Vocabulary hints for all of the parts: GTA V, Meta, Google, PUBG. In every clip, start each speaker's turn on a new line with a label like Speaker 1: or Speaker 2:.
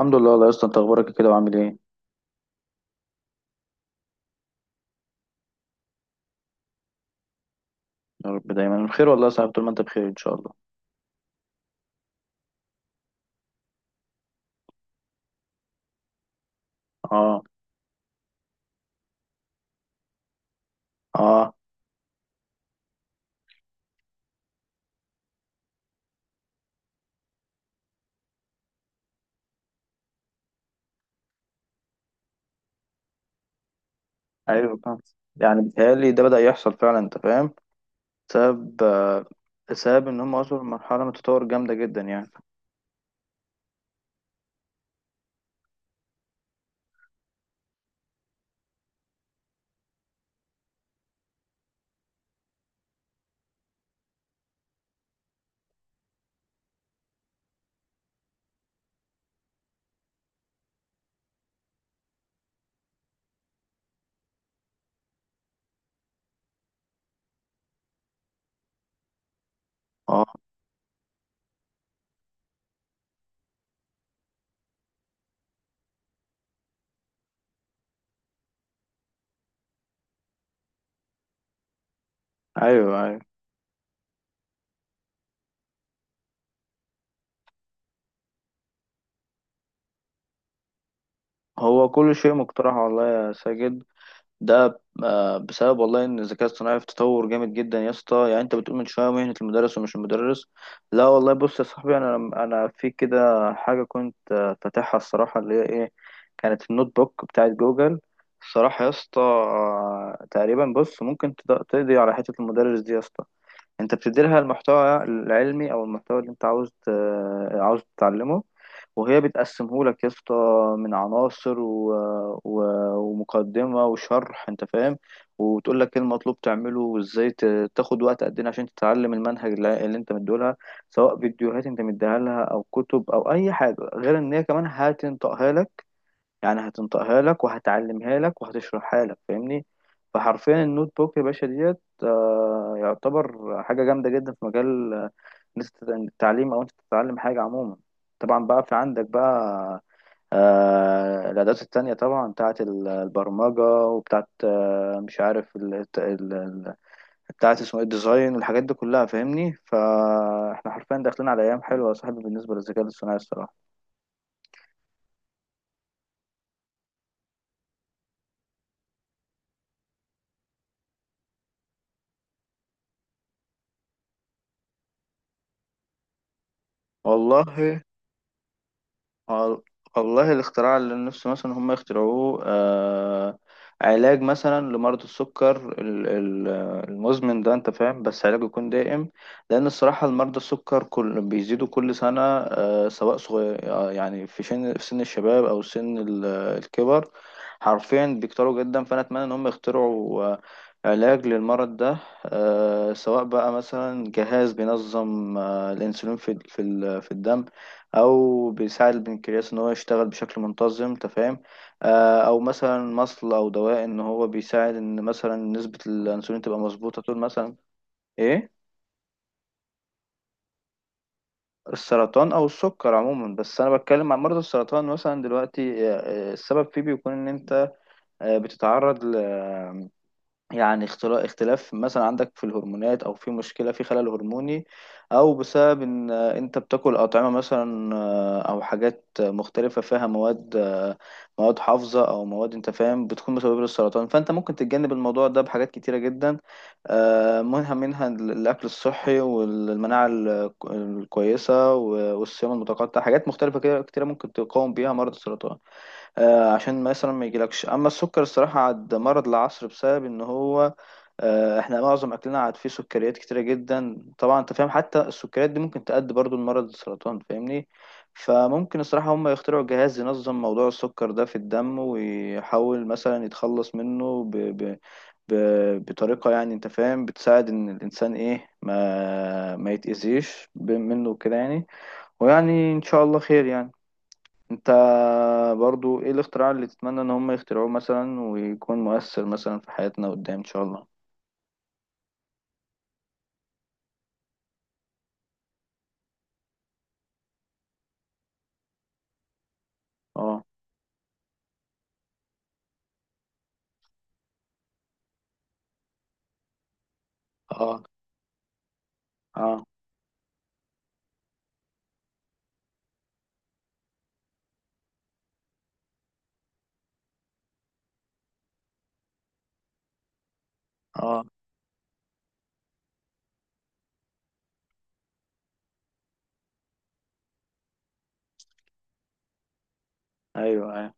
Speaker 1: الحمد لله، والله يا اسطى انت اخبارك كده وعامل ايه؟ يا رب دايما بخير والله يا صاحبي، طول ما انت بخير ان شاء الله. اه. اه. ايوه، فاهم. يعني بيتهيألي ده بدأ يحصل فعلا انت فاهم، بسبب آه، بسبب ان هم وصلوا لمرحلة من التطور جامدة جدا يعني. اه. ايوه، ايوه. هو كل شيء مقترح والله يا ساجد. ده بسبب والله ان الذكاء الصناعي في تطور جامد جدا يا اسطى، يعني انت بتقول من شويه مهنه المدرس ومش المدرس. لا والله، بص يا صاحبي، انا في كده حاجه كنت فاتحها الصراحه، اللي هي ايه؟ كانت النوت بوك بتاعت جوجل. الصراحه يا اسطى تقريبا بص ممكن تقضي على حته المدرس دي يا اسطى. انت بتديلها المحتوى العلمي او المحتوى اللي انت عاوز عاوز تتعلمه، وهي بتقسمه لك يا اسطى من عناصر و... ومقدمة وشرح انت فاهم. وتقول لك ايه المطلوب تعمله وازاي تاخد وقت قد ايه عشان تتعلم المنهج اللي انت مديهولها، سواء فيديوهات انت مديها لها او كتب او اي حاجة. غير ان هي كمان هتنطقها لك، يعني هتنطقها لك وهتعلمها لك وهتشرحها لك، فاهمني؟ فحرفيا النوت بوك يا باشا ديت يعتبر حاجة جامدة جدا في مجال إن أنت التعليم أو أنت تتعلم حاجة عموما. طبعا بقى في عندك بقى الأدوات التانية طبعا بتاعة البرمجة وبتاعة مش عارف بتاعة اسمه ايه الديزاين والحاجات دي كلها، فاهمني؟ فاحنا حرفيا داخلين على أيام حلوة يا صاحبي بالنسبة للذكاء الاصطناعي الصراحة. والله وال- والله الاختراع اللي نفسي مثلا هم يخترعوه علاج مثلا لمرض السكر المزمن ده، انت فاهم، بس علاج يكون دائم. لان الصراحة المرضى السكر كل بيزيدوا كل سنة سواء صغير يعني في سن الشباب او سن الكبر، حرفيا بيكتروا جدا. فانا اتمنى ان هم يخترعوا علاج للمرض ده سواء بقى مثلا جهاز بينظم الانسولين في الدم، او بيساعد البنكرياس ان هو يشتغل بشكل منتظم، تفهم؟ او مثلا مصل او دواء ان هو بيساعد ان مثلا نسبة الانسولين تبقى مظبوطة طول مثلا. ايه؟ السرطان او السكر عموما. بس انا بتكلم عن مرض السرطان مثلا دلوقتي السبب فيه بيكون ان انت بتتعرض يعني اختلاف مثلا عندك في الهرمونات او في مشكله في خلل هرموني، او بسبب ان انت بتاكل اطعمه مثلا او حاجات مختلفه فيها مواد حافظه او مواد انت فاهم بتكون مسببه للسرطان. فانت ممكن تتجنب الموضوع ده بحاجات كتيره جدا منها الاكل الصحي والمناعه الكويسه والصيام المتقطع، حاجات مختلفه كده كتيره ممكن تقاوم بيها مرض السرطان عشان مثلا ما يجيلكش. اما السكر الصراحه عاد مرض العصر بسبب ان هو احنا معظم اكلنا عاد فيه سكريات كتيره جدا طبعا، انت فاهم، حتى السكريات دي ممكن تؤدي برضو لمرض السرطان، فاهمني؟ فممكن الصراحه هم يخترعوا جهاز ينظم موضوع السكر ده في الدم ويحاول مثلا يتخلص منه ب... بطريقه يعني انت فاهم بتساعد ان الانسان ايه ما يتاذيش منه كده يعني، ويعني ان شاء الله خير يعني. انت برضو ايه الاختراع اللي تتمنى ان هم يخترعوه مثلا ويكون مؤثر مثلا في حياتنا قدام ان شاء الله؟ اه. اه. اه. اه. ايوه، ايوه،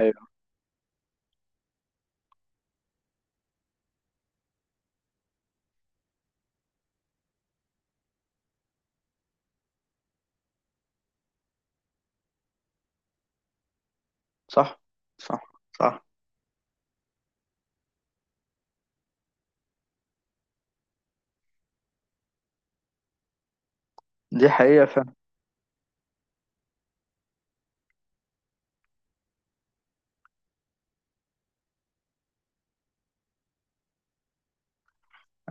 Speaker 1: ايوه. صح. صح. صح. دي حقيقة فعلا.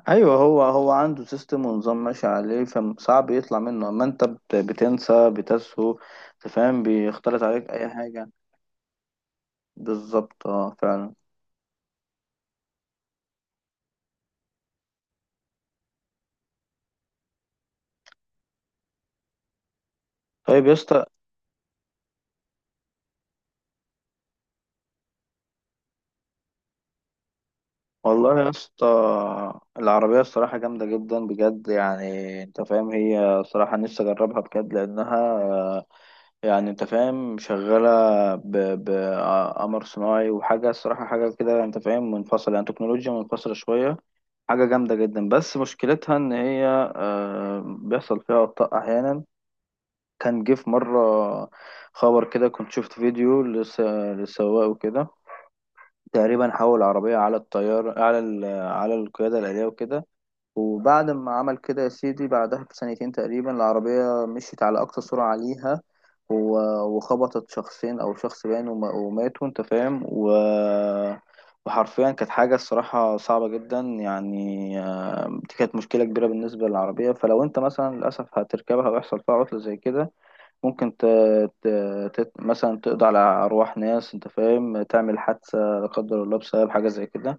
Speaker 1: ايوه، هو عنده سيستم ونظام ماشي عليه، فصعب يطلع منه. اما انت بتنسى بتسهو. أنت فاهم، بيختلط عليك اي حاجة. بالظبط، اه فعلا. طيب يا اسطى. والله يا اسطى، العربية الصراحة جامدة جدا بجد، يعني انت فاهم، هي صراحة نفسي اجربها بجد لانها يعني انت فاهم شغالة بقمر صناعي وحاجة، الصراحة حاجة كده، انت فاهم، منفصلة، يعني تكنولوجيا منفصلة شوية، حاجة جامدة جدا. بس مشكلتها ان هي بيحصل فيها اخطاء احيانا. كان جه في مرة خبر كده كنت شفت فيديو للسواق وكده، تقريبا حول العربية على الطيار على القيادة الآلية وكده، وبعد ما عمل كده يا سيدي بعدها بسنتين تقريبا العربية مشيت على أقصى سرعة عليها و... وخبطت شخصين أو شخص باين وماتوا أنت فاهم وحرفيا كانت حاجة الصراحة صعبة جدا، يعني دي كانت مشكلة كبيرة بالنسبة للعربية. فلو أنت مثلا للأسف هتركبها ويحصل فيها عطلة زي كده، ممكن ت... مثلا تقضي على أرواح ناس أنت فاهم، تعمل حادثة لا قدر الله بسبب حاجة زي كده.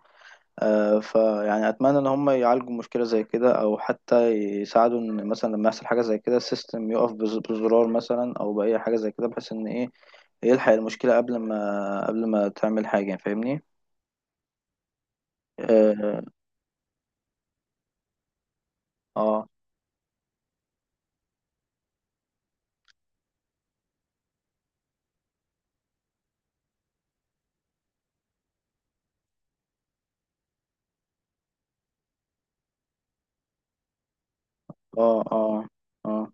Speaker 1: فيعني أتمنى إن هم يعالجوا مشكلة زي كده، أو حتى يساعدوا إن مثلا لما يحصل حاجة زي كده السيستم يقف بزرار مثلا أو بأي حاجة زي كده، بحيث إن إيه يلحق المشكلة قبل ما تعمل حاجة، فاهمني؟ اه. اه. اه. اه. آه.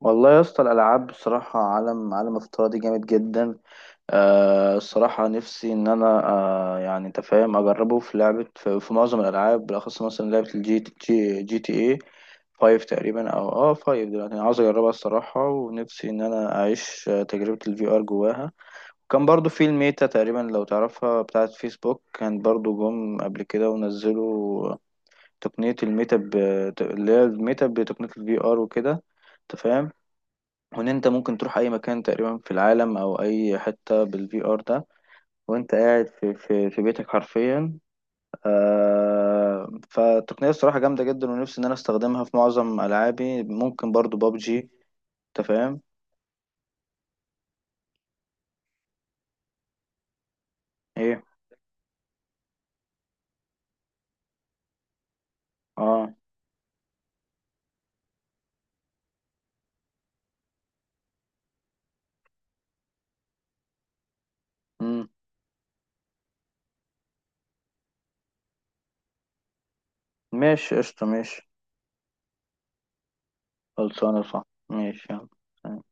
Speaker 1: والله يا اسطى، الألعاب بصراحة عالم، عالم الفترة دي جامد جدا. الصراحة نفسي إن أنا يعني أنت فاهم أجربه في لعبة، في معظم الألعاب، بالأخص مثلا لعبة GTA 5 تقريبا، أو فايف دلوقتي. أنا عاوز أجربها الصراحة، ونفسي إن أنا أعيش تجربة الفي آر جواها. كان برضو في الميتا تقريبا لو تعرفها، بتاعة فيسبوك، كان برضو جم قبل كده ونزلوا تقنية الميتا اللي هي الميتا بتقنية الفي آر وكده، أنت فاهم، وإن أنت ممكن تروح أي مكان تقريبا في العالم أو أي حتة بالفي آر ده وانت قاعد في بيتك حرفيا. فالتقنيه الصراحه جامده جدا، ونفسي ان انا استخدمها في معظم العابي، ممكن برضو بابجي، انت فاهم. ايه. اه. امم. ماشي. قشطه. ماشي. خلصانه. صح. ماشي. يلا.